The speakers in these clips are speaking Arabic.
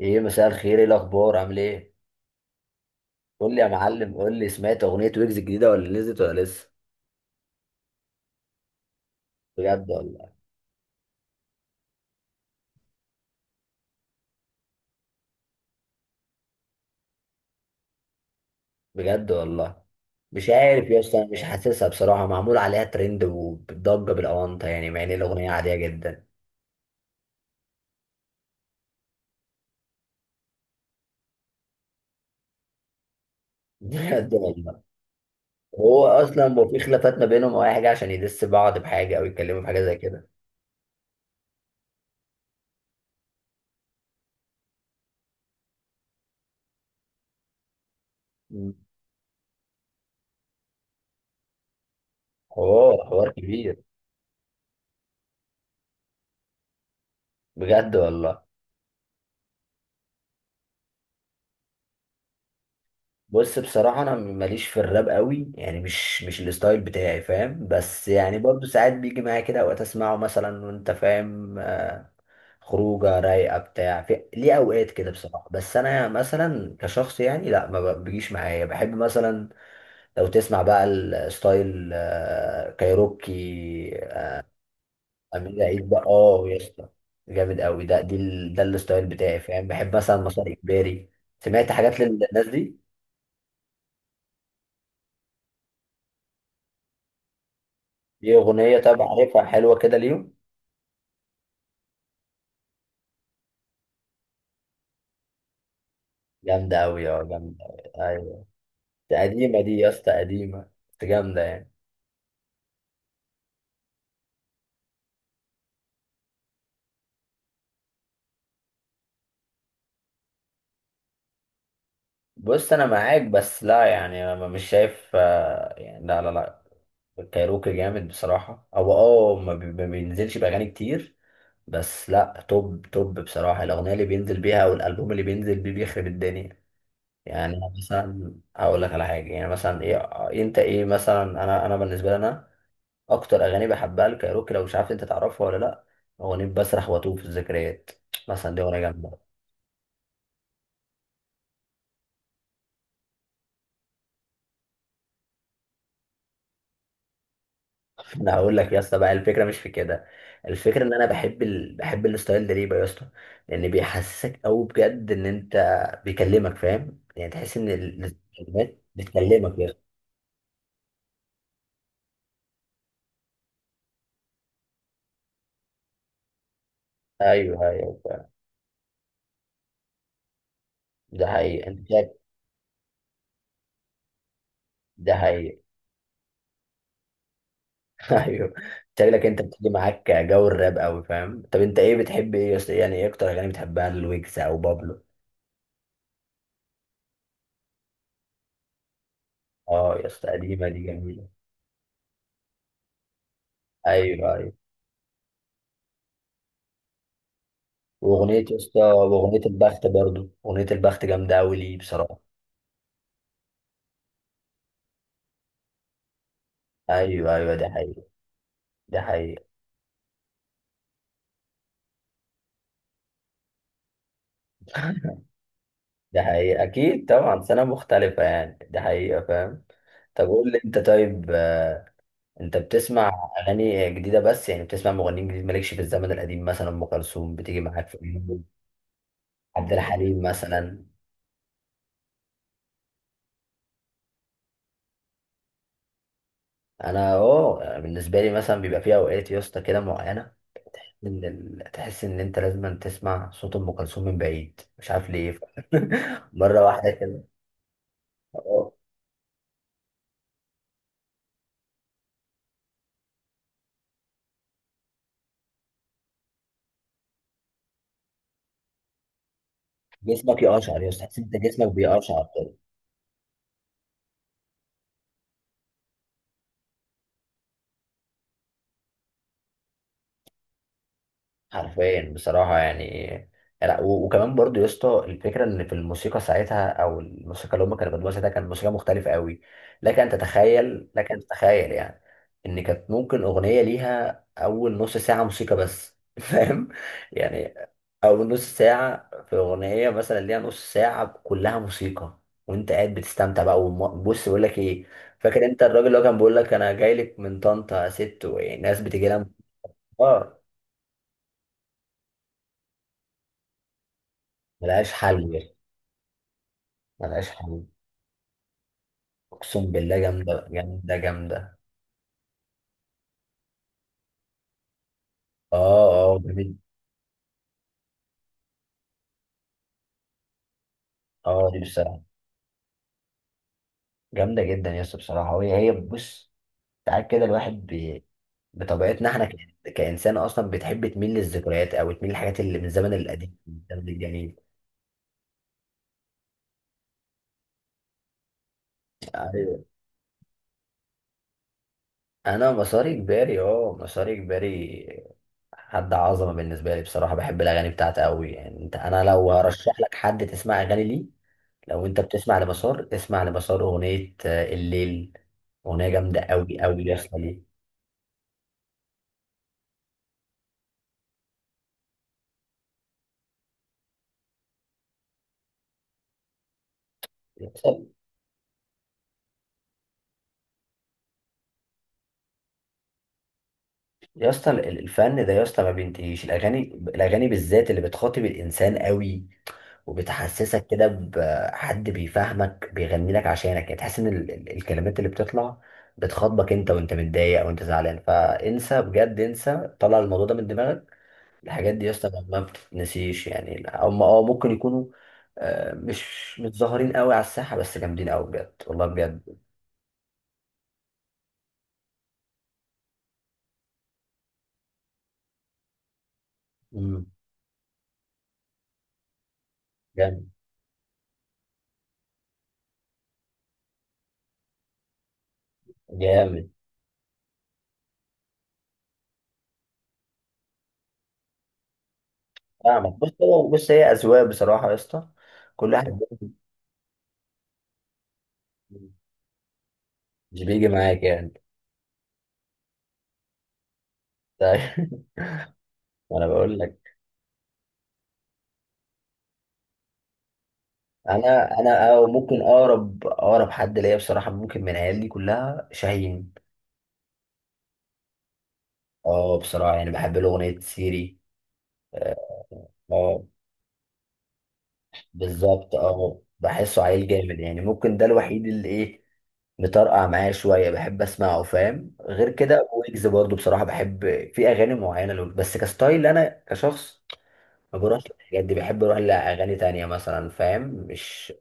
ايه، مساء الخير. ايه الاخبار، عامل ايه؟ قول لي يا معلم، قول لي، سمعت اغنيه ويجز الجديده ولا نزلت ولا لسه؟ بجد والله. بجد والله. مش عارف يا اسطى، انا مش حاسسها بصراحه. معمول عليها ترند وبتضجه بالاونطه يعني، مع ان الاغنيه عاديه جدا. بجد والله. هو اصلا ما في خلافات ما بينهم او اي حاجه عشان يدس بعض بحاجه او يتكلموا في حاجه زي كده؟ مم. حوار حوار كبير. بجد والله. بص، بصراحة أنا ماليش في الراب قوي، يعني مش الستايل بتاعي، فاهم؟ بس يعني برضو ساعات بيجي معايا كده، أوقات أسمعه مثلا وأنت فاهم، خروجة رايقة بتاع في ليه أوقات كده، بصراحة. بس أنا مثلا كشخص يعني لا، ما بيجيش معايا. بحب مثلا لو تسمع بقى الستايل، كايروكي. آه، أمير عيد بقى، يا اسطى، جامد قوي. ده الستايل بتاعي، فاهم؟ بحب مثلا مسار إجباري. سمعت حاجات للناس دي؟ دي أغنية، طب عارفها؟ حلوة كده ليهم. جامدة أوي، جامدة أوي. أيوة. دي قديمة دي يا اسطى، قديمة. بس جامدة يعني. بص أنا معاك، بس لا يعني، أنا مش شايف، يعني لا، لا، لا. الكايروكي جامد بصراحة، هو أه ما بي- ما بينزلش بأغاني كتير. بس لا، توب توب بصراحة، الأغنية اللي بينزل بيها أو الألبوم اللي بينزل بيه بيخرب الدنيا. يعني أنا مثلا هقول لك على حاجة، يعني مثلا إيه، أنت إيه مثلا، أنا بالنسبة لي، أنا اكتر اغاني بحبها لكايروكي، لو مش عارف انت تعرفها ولا لا؟ اغنيه بسرح واتوه في الذكريات، مثلا دي اغنيه جامده. انا هقول لك يا اسطى بقى، الفكره مش في كده. الفكره ان انا بحب الستايل ده ليه بقى يا اسطى؟ لان بيحسسك قوي بجد ان انت، بيكلمك فاهم، يعني تحس ان الكلمات بتكلمك يا اسطى. ايوه ايوه فعلا. ده حقيقي، انت شايف. ده حقيقي. ايوه. شكلك انت بتيجي معاك جو الراب قوي، فاهم؟ طب انت ايه بتحب، ايه يا اسطى؟ يعني ايه اكتر اغاني بتحبها لويجز او بابلو؟ اه يا اسطى، قديمة دي، جميلة. ايوه ايوه. واغنية يا اسطى، واغنية البخت برضو، اغنية البخت جامدة اوي، ليه بصراحة. ايوه ايوه، ده حقيقي. ده حقيقي. ده حقيقي، اكيد طبعا، سنة مختلفة يعني، ده حقيقة فاهم. طب قول لي انت، طيب، انت بتسمع اغاني جديدة بس يعني؟ بتسمع مغنيين جديد، مالكش في الزمن القديم؟ مثلا ام كلثوم بتيجي معاك في اليوم؟ عبد الحليم مثلا؟ انا بالنسبة لي مثلا بيبقى في اوقات يا اسطى كده معينة، إن تحس إن أنت لازم تسمع صوت أم كلثوم من بعيد، مش عارف ليه. مرة واحدة كده. آه، جسمك يقشعر يا أستاذ، تحس إن أنت جسمك بيقشعر. حرفيا بصراحة يعني. لا، وكمان برضو يا اسطى، الفكرة ان في الموسيقى ساعتها او الموسيقى اللي هم كانوا بيقدموها ساعتها، كانت موسيقى مختلفة قوي. لك ان تتخيل، لك ان تتخيل يعني، ان كانت ممكن اغنية ليها اول نص ساعة موسيقى بس، فاهم؟ يعني اول نص ساعة في اغنية، مثلا ليها نص ساعة كلها موسيقى، وانت قاعد بتستمتع بقى، بص بقول لك ايه، فاكر انت الراجل اللي هو كان بيقول لك انا جاي لك من طنطا يا ست، وناس بتجي لها اه. ملهاش حل، ملهاش حل. اقسم بالله، جامده جامده جامده. اه اه، جميل. اه، دي بصراحه. جامده جدا يا اسطى بصراحه. وهي هي بص، ساعات كده الواحد بطبيعتنا احنا كانسان اصلا بتحب تميل للذكريات او تميل للحاجات اللي من الزمن القديم، من الزمن الجميل. ايوه. انا مساري كباري، مساري كباري. حد عظمه بالنسبه لي بصراحه، بحب الاغاني بتاعته قوي يعني. انت، انا لو هرشح لك حد تسمع اغاني ليه، لو انت بتسمع لمسار، اسمع لمسار اغنيه، الليل. اغنيه جامده قوي قوي يا اسطى دي. يا اسطى يا اسطى، الفن ده يا اسطى ما بينتهيش الاغاني. الاغاني بالذات اللي بتخاطب الانسان قوي، وبتحسسك كده بحد بيفهمك بيغني لك عشانك، يعني تحس ان الكلمات اللي بتطلع بتخاطبك انت وانت متضايق او انت زعلان، فانسى بجد، انسى، طلع الموضوع ده من دماغك. الحاجات دي يا اسطى ما بتتنسيش يعني. هم ممكن يكونوا مش متظاهرين قوي على الساحه، بس جامدين قوي بجد، والله بجد. مم. جامد جامد. فاهمك. بص، هي اذواق بصراحه يا اسطى. كل واحد. مش بيجي معاك يعني. طيب. انا بقول لك. انا أو ممكن، اقرب حد ليا بصراحه، ممكن من عيال دي كلها شاهين. اه بصراحه يعني بحب له اغنيه سيري. اه، آه. بالظبط. اه بحسه عيل جامد يعني. ممكن ده الوحيد اللي ايه، مطرقع معايا شويه، بحب اسمعه فاهم. غير كده ويجز برضو بصراحه بحب، في اغاني معينه له. بس كستايل انا كشخص ما بروحش للحاجات دي، بحب اروح لاغاني تانية مثلا، فاهم مش.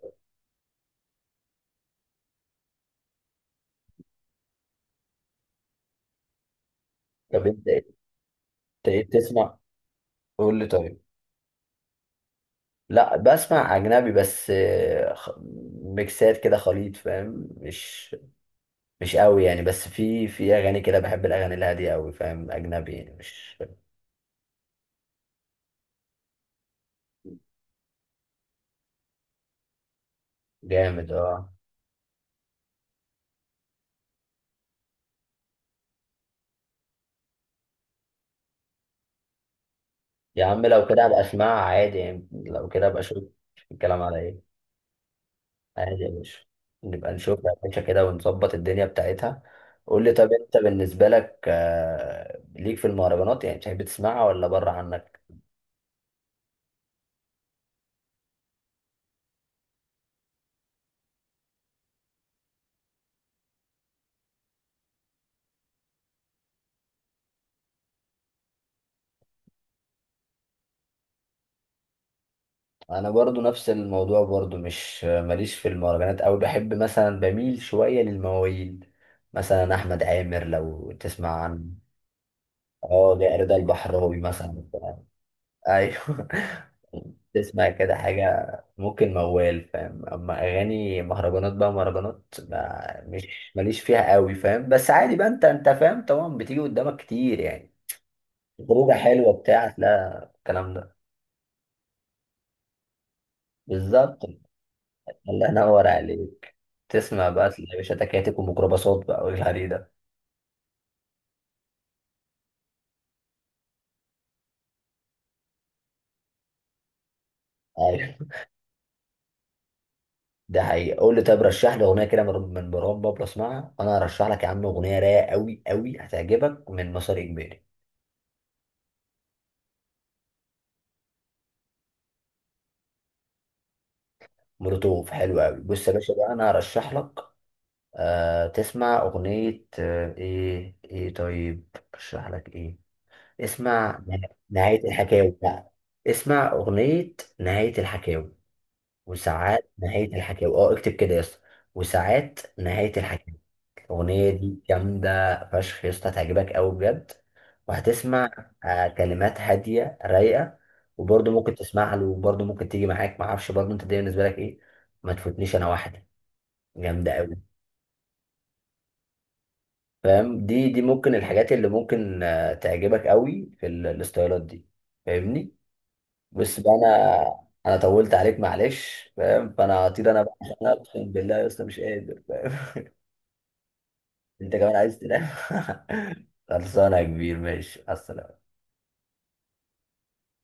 طب، انت ايه بتسمع؟ قول لي طيب. لا بسمع اجنبي بس، ميكسات كده خليط، فاهم؟ مش مش قوي يعني. بس في اغاني كده بحب الاغاني الهاديه قوي فاهم، اجنبي يعني مش. جامد. اه، يا عم لو كده هبقى اسمعها عادي يعني، لو كده هبقى اشوف الكلام على ايه. عادي يا باشا. نبقى نشوف يا باشا كده، ونظبط الدنيا بتاعتها. قول لي طب، انت بالنسبة لك، ليك في المهرجانات؟ يعني بتحب تسمعها ولا بره عنك؟ انا برضو نفس الموضوع، برضو مش ماليش في المهرجانات، او بحب مثلا بميل شوية للمواويل. مثلا احمد عامر لو تسمع عن. اه، ده رضا البحراوي مثلا. ايوه. تسمع كده حاجة، ممكن موال فاهم. اما اغاني مهرجانات بقى، مهرجانات ما مش ماليش فيها قوي، فاهم؟ بس عادي بقى. انت فاهم طبعا، بتيجي قدامك كتير يعني. خروجة حلوة بتاع، لا الكلام ده. بالظبط. الله ينور عليك. تسمع بقى تلاقي يا باشا، تكاتك وميكروباصات بقى، والهري ده. ايوه، ده حقيقي. قول لي طب، رشح لي اغنيه كده من مروان بابلو اسمعها. انا هرشح لك يا عم اغنيه رايقه قوي قوي هتعجبك من مسار اجباري. مولوتوف حلو قوي. بص يا باشا بقى، انا هرشح لك. تسمع اغنيه، ايه، طيب ارشح لك ايه. اسمع نهايه الحكاوي بقى. اسمع اغنيه نهايه الحكاوي. وساعات نهايه الحكاوي. اه اكتب كده يا اسطى. وساعات نهايه الحكاوي. الاغنيه دي جامده فشخ يا اسطى، هتعجبك قوي بجد. وهتسمع. كلمات هاديه رايقه. وبرضه ممكن تسمع له، وبرضه ممكن تيجي معاك معرفش، برضه انت دي بالنسبه لك ايه؟ ما تفوتنيش، انا واحده. جامدة أوي. فاهم، دي ممكن الحاجات اللي ممكن تعجبك أوي في الاستايلات دي. فاهمني. بس بقى أنا، أنا طولت عليك معلش، فاهم؟ فأنا هطير أنا بقى، عشان أنا أقسم بالله يا أسطى مش قادر فاهم. أنت كمان عايز تنام. خلصانة يا كبير، ماشي على السلامة.